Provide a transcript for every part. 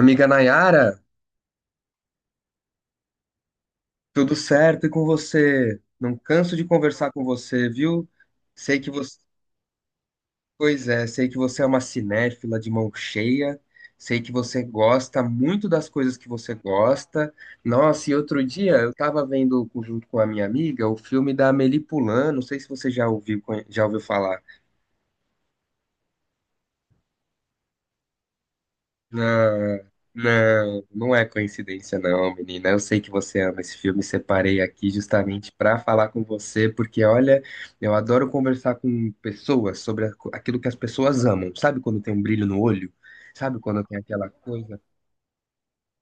Amiga Nayara, tudo certo e com você? Não canso de conversar com você, viu? Sei que você, pois é, sei que você é uma cinéfila de mão cheia, sei que você gosta muito das coisas que você gosta. Nossa, e outro dia eu estava vendo junto com a minha amiga o filme da Amélie Poulain, não sei se você já ouviu falar. Não, não, não é coincidência, não, menina. Eu sei que você ama esse filme, separei aqui justamente para falar com você, porque olha, eu adoro conversar com pessoas sobre aquilo que as pessoas amam. Sabe quando tem um brilho no olho? Sabe quando tem aquela coisa?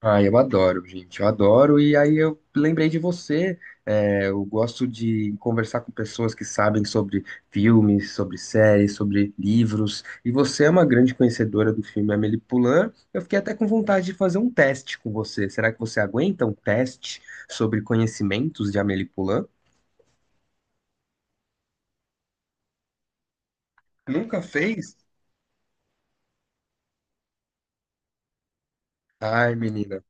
Ah, eu adoro, gente, eu adoro. E aí eu lembrei de você. É, eu gosto de conversar com pessoas que sabem sobre filmes, sobre séries, sobre livros. E você é uma grande conhecedora do filme Amélie Poulain. Eu fiquei até com vontade de fazer um teste com você. Será que você aguenta um teste sobre conhecimentos de Amélie Poulain? Nunca fez? Ai, menina.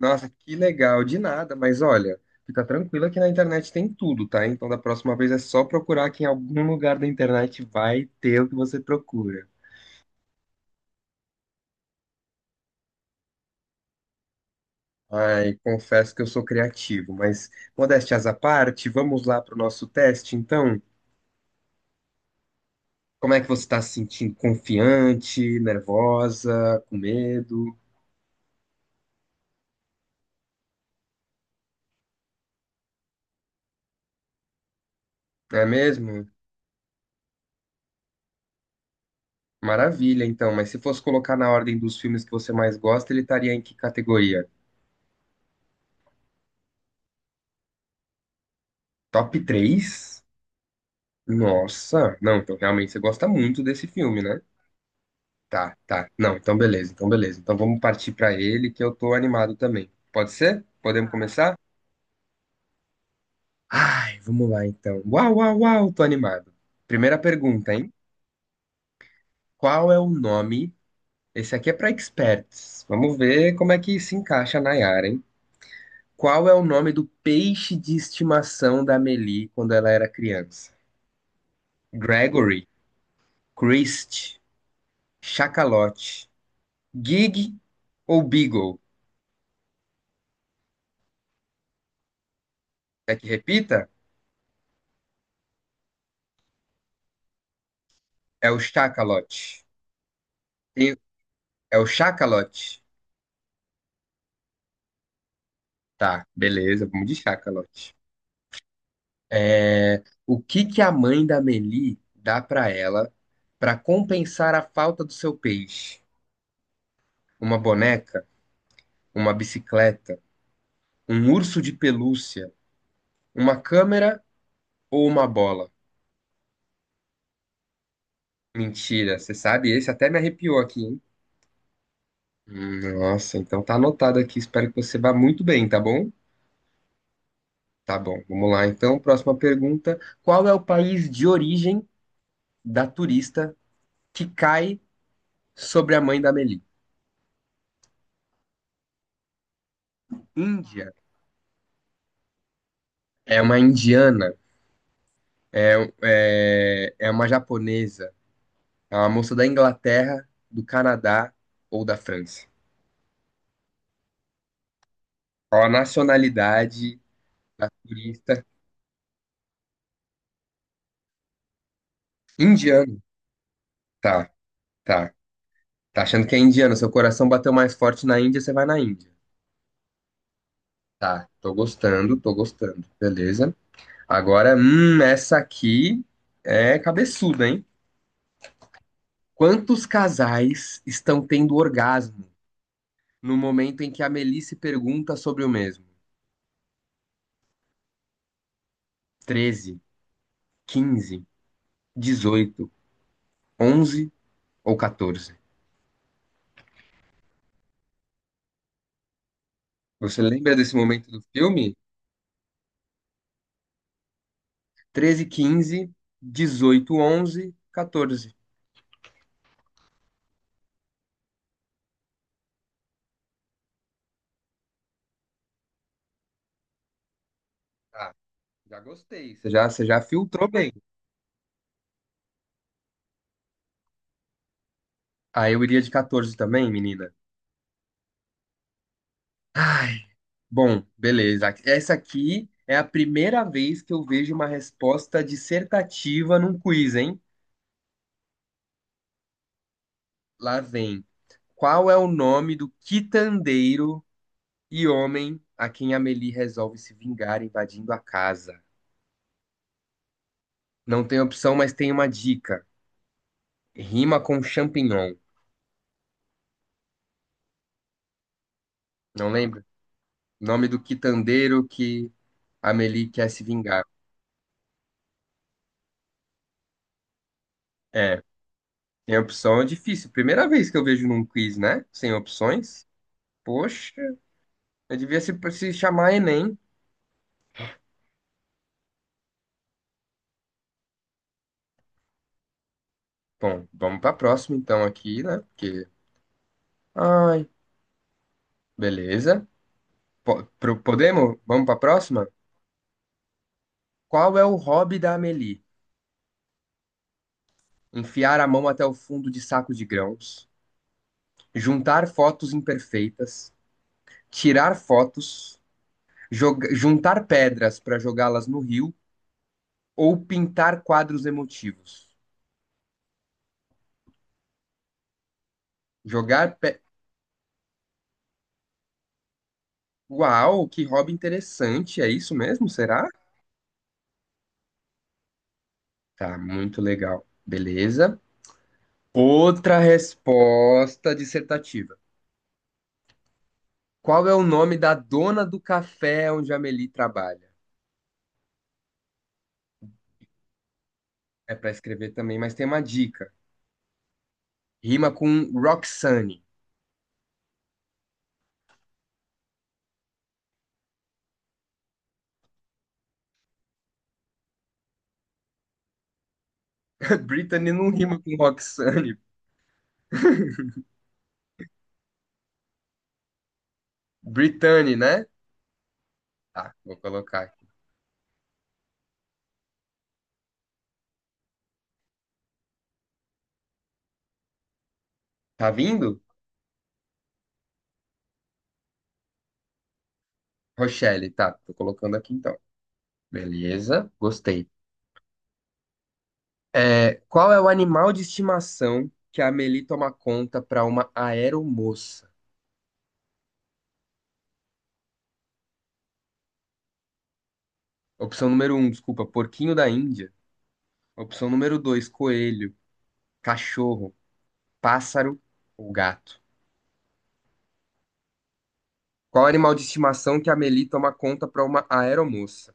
Nossa, que legal, de nada, mas olha, fica tranquila que na internet tem tudo, tá? Então da próxima vez é só procurar que em algum lugar da internet vai ter o que você procura. Ai, confesso que eu sou criativo, mas modéstias à parte, vamos lá para o nosso teste, então? Como é que você está se sentindo? Confiante, nervosa, com medo? Não é mesmo? Maravilha, então, mas se fosse colocar na ordem dos filmes que você mais gosta, ele estaria em que categoria? Top 3? Nossa, não, então realmente você gosta muito desse filme, né? Tá, tá. Não, então beleza, então beleza. Então vamos partir pra ele que eu tô animado também. Pode ser? Podemos começar? Ai, vamos lá então. Uau, uau, uau, tô animado. Primeira pergunta, hein? Qual é o nome? Esse aqui é pra experts. Vamos ver como é que se encaixa na Yara, hein? Qual é o nome do peixe de estimação da Amélie quando ela era criança? Gregory, Christ, Chacalote, Gig ou Beagle? Quer que repita? É o chacalote. Tem- É o chacalote. Tá, beleza, vamos de chacalote. É, o que que a mãe da Meli dá pra ela pra compensar a falta do seu peixe? Uma boneca, uma bicicleta, um urso de pelúcia, uma câmera ou uma bola? Mentira, você sabe? Esse até me arrepiou aqui, hein? Nossa, então tá anotado aqui. Espero que você vá muito bem, tá bom? Tá bom, vamos lá. Então, próxima pergunta. Qual é o país de origem da turista que cai sobre a mãe da Amélie? Índia. É uma indiana, é uma japonesa, é uma moça da Inglaterra, do Canadá ou da França? Qual a nacionalidade da turista? Indiano. Tá, tá. Tá achando que é indiano? Seu coração bateu mais forte na Índia, você vai na Índia. Tá, tô gostando, tô gostando. Beleza. Agora, essa aqui é cabeçuda, hein? Quantos casais estão tendo orgasmo no momento em que a Melissa pergunta sobre o mesmo? 13, 15, 18, 11 ou 14? Você lembra desse momento do filme? 13, 15, 18, 11, 14. Ah, já gostei. Você já filtrou bem. Ah, eu iria de 14 também, menina. Ai, bom, beleza. Essa aqui é a primeira vez que eu vejo uma resposta dissertativa num quiz, hein? Lá vem. Qual é o nome do quitandeiro e homem a quem Amélie resolve se vingar invadindo a casa? Não tem opção, mas tem uma dica. Rima com champignon. Não lembra? Nome do quitandeiro que Amélie quer se vingar. É, tem opção é difícil. Primeira vez que eu vejo num quiz, né? Sem opções. Poxa. Eu devia se chamar Enem. Bom, vamos para a próxima então aqui, né? Porque, ai, beleza. Podemos? Vamos para a próxima? Qual é o hobby da Amélie? Enfiar a mão até o fundo de saco de grãos, juntar fotos imperfeitas, tirar fotos, juntar pedras para jogá-las no rio ou pintar quadros emotivos. Jogar pe... Uau, que hobby interessante. É isso mesmo, será? Tá, muito legal. Beleza. Outra resposta dissertativa. Qual é o nome da dona do café onde a Amélie trabalha? É para escrever também, mas tem uma dica. Rima com Roxane. Brittany não rima com Roxane. Brittany, né? Tá, vou colocar aqui. Tá vindo? Rochelle, tá. Tô colocando aqui então. Beleza, gostei. É, qual é o animal de estimação que a Amélie toma conta para uma aeromoça? Opção número um, desculpa, porquinho da Índia. Opção número 2, coelho, cachorro, pássaro ou gato? Qual animal de estimação que a Meli toma conta para uma aeromoça?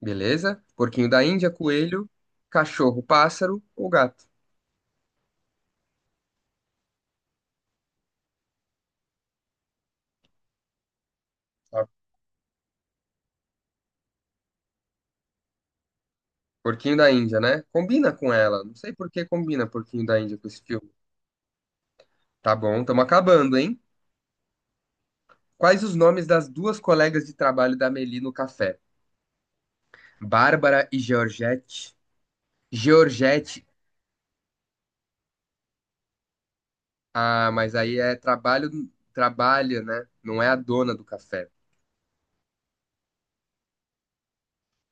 Beleza? Porquinho da Índia, coelho, cachorro, pássaro ou gato? Tá. Porquinho da Índia, né? Combina com ela. Não sei por que combina Porquinho da Índia com esse filme. Tá bom, estamos acabando, hein? Quais os nomes das duas colegas de trabalho da Meli no café? Bárbara e Georgette. Georgette, ah, mas aí é trabalho, trabalha, né? Não é a dona do café.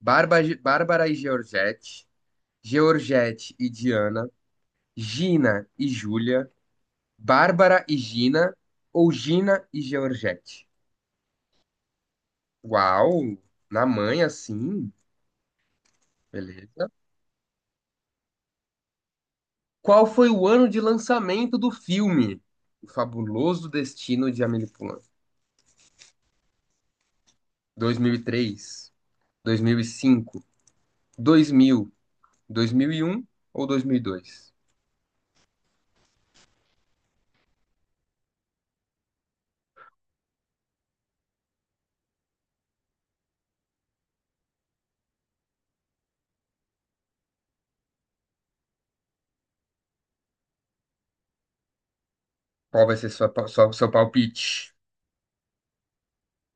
Bárbara e Georgette, Georgette e Diana, Gina e Júlia, Bárbara e Gina ou Gina e Georgette? Uau, na manha sim, beleza. Qual foi o ano de lançamento do filme O Fabuloso Destino de Amélie Poulain? 2003, 2005, 2000, 2001 ou 2002? Qual vai ser sua, seu palpite?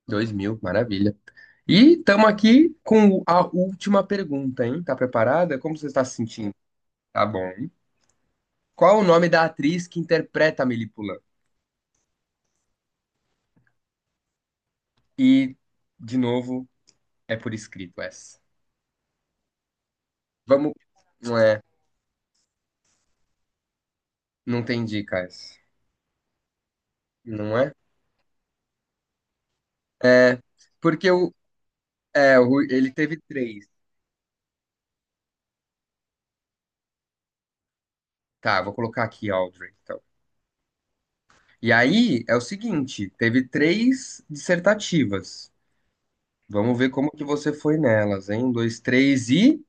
2000, maravilha. E estamos aqui com a última pergunta, hein? Tá preparada? Como você está se sentindo? Tá bom. Qual o nome da atriz que interpreta a Melípula? E, de novo, é por escrito essa. Vamos. Não é. Não tem dica essa. Não é? É. Porque o, é, o Rui- ele teve três. Tá, vou colocar aqui, Audrey. Então. E aí é o seguinte: teve três dissertativas. Vamos ver como que você foi nelas, hein? Um, dois, três e.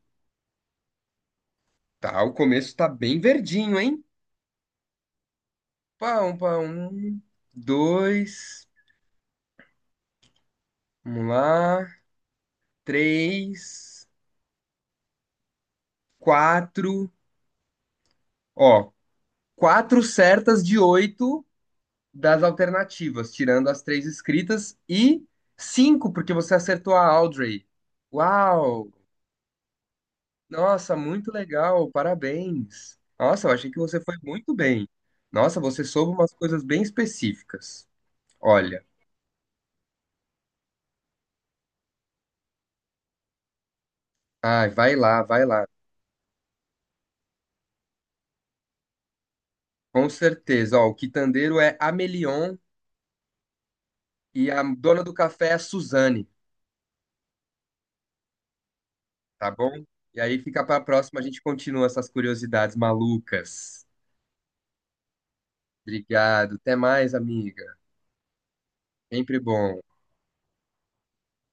Tá, o começo tá bem verdinho, hein? Pá, um, dois, vamos lá, três, quatro. Ó, quatro certas de oito das alternativas, tirando as três escritas, e cinco, porque você acertou a Audrey. Uau! Nossa, muito legal, parabéns. Nossa, eu achei que você foi muito bem. Nossa, você soube umas coisas bem específicas. Olha, ai, vai lá, vai lá. Com certeza. Ó, o quitandeiro é Amelion e a dona do café é a Suzane, tá bom? E aí fica para a próxima, a gente continua essas curiosidades malucas. Obrigado. Até mais, amiga. Sempre bom.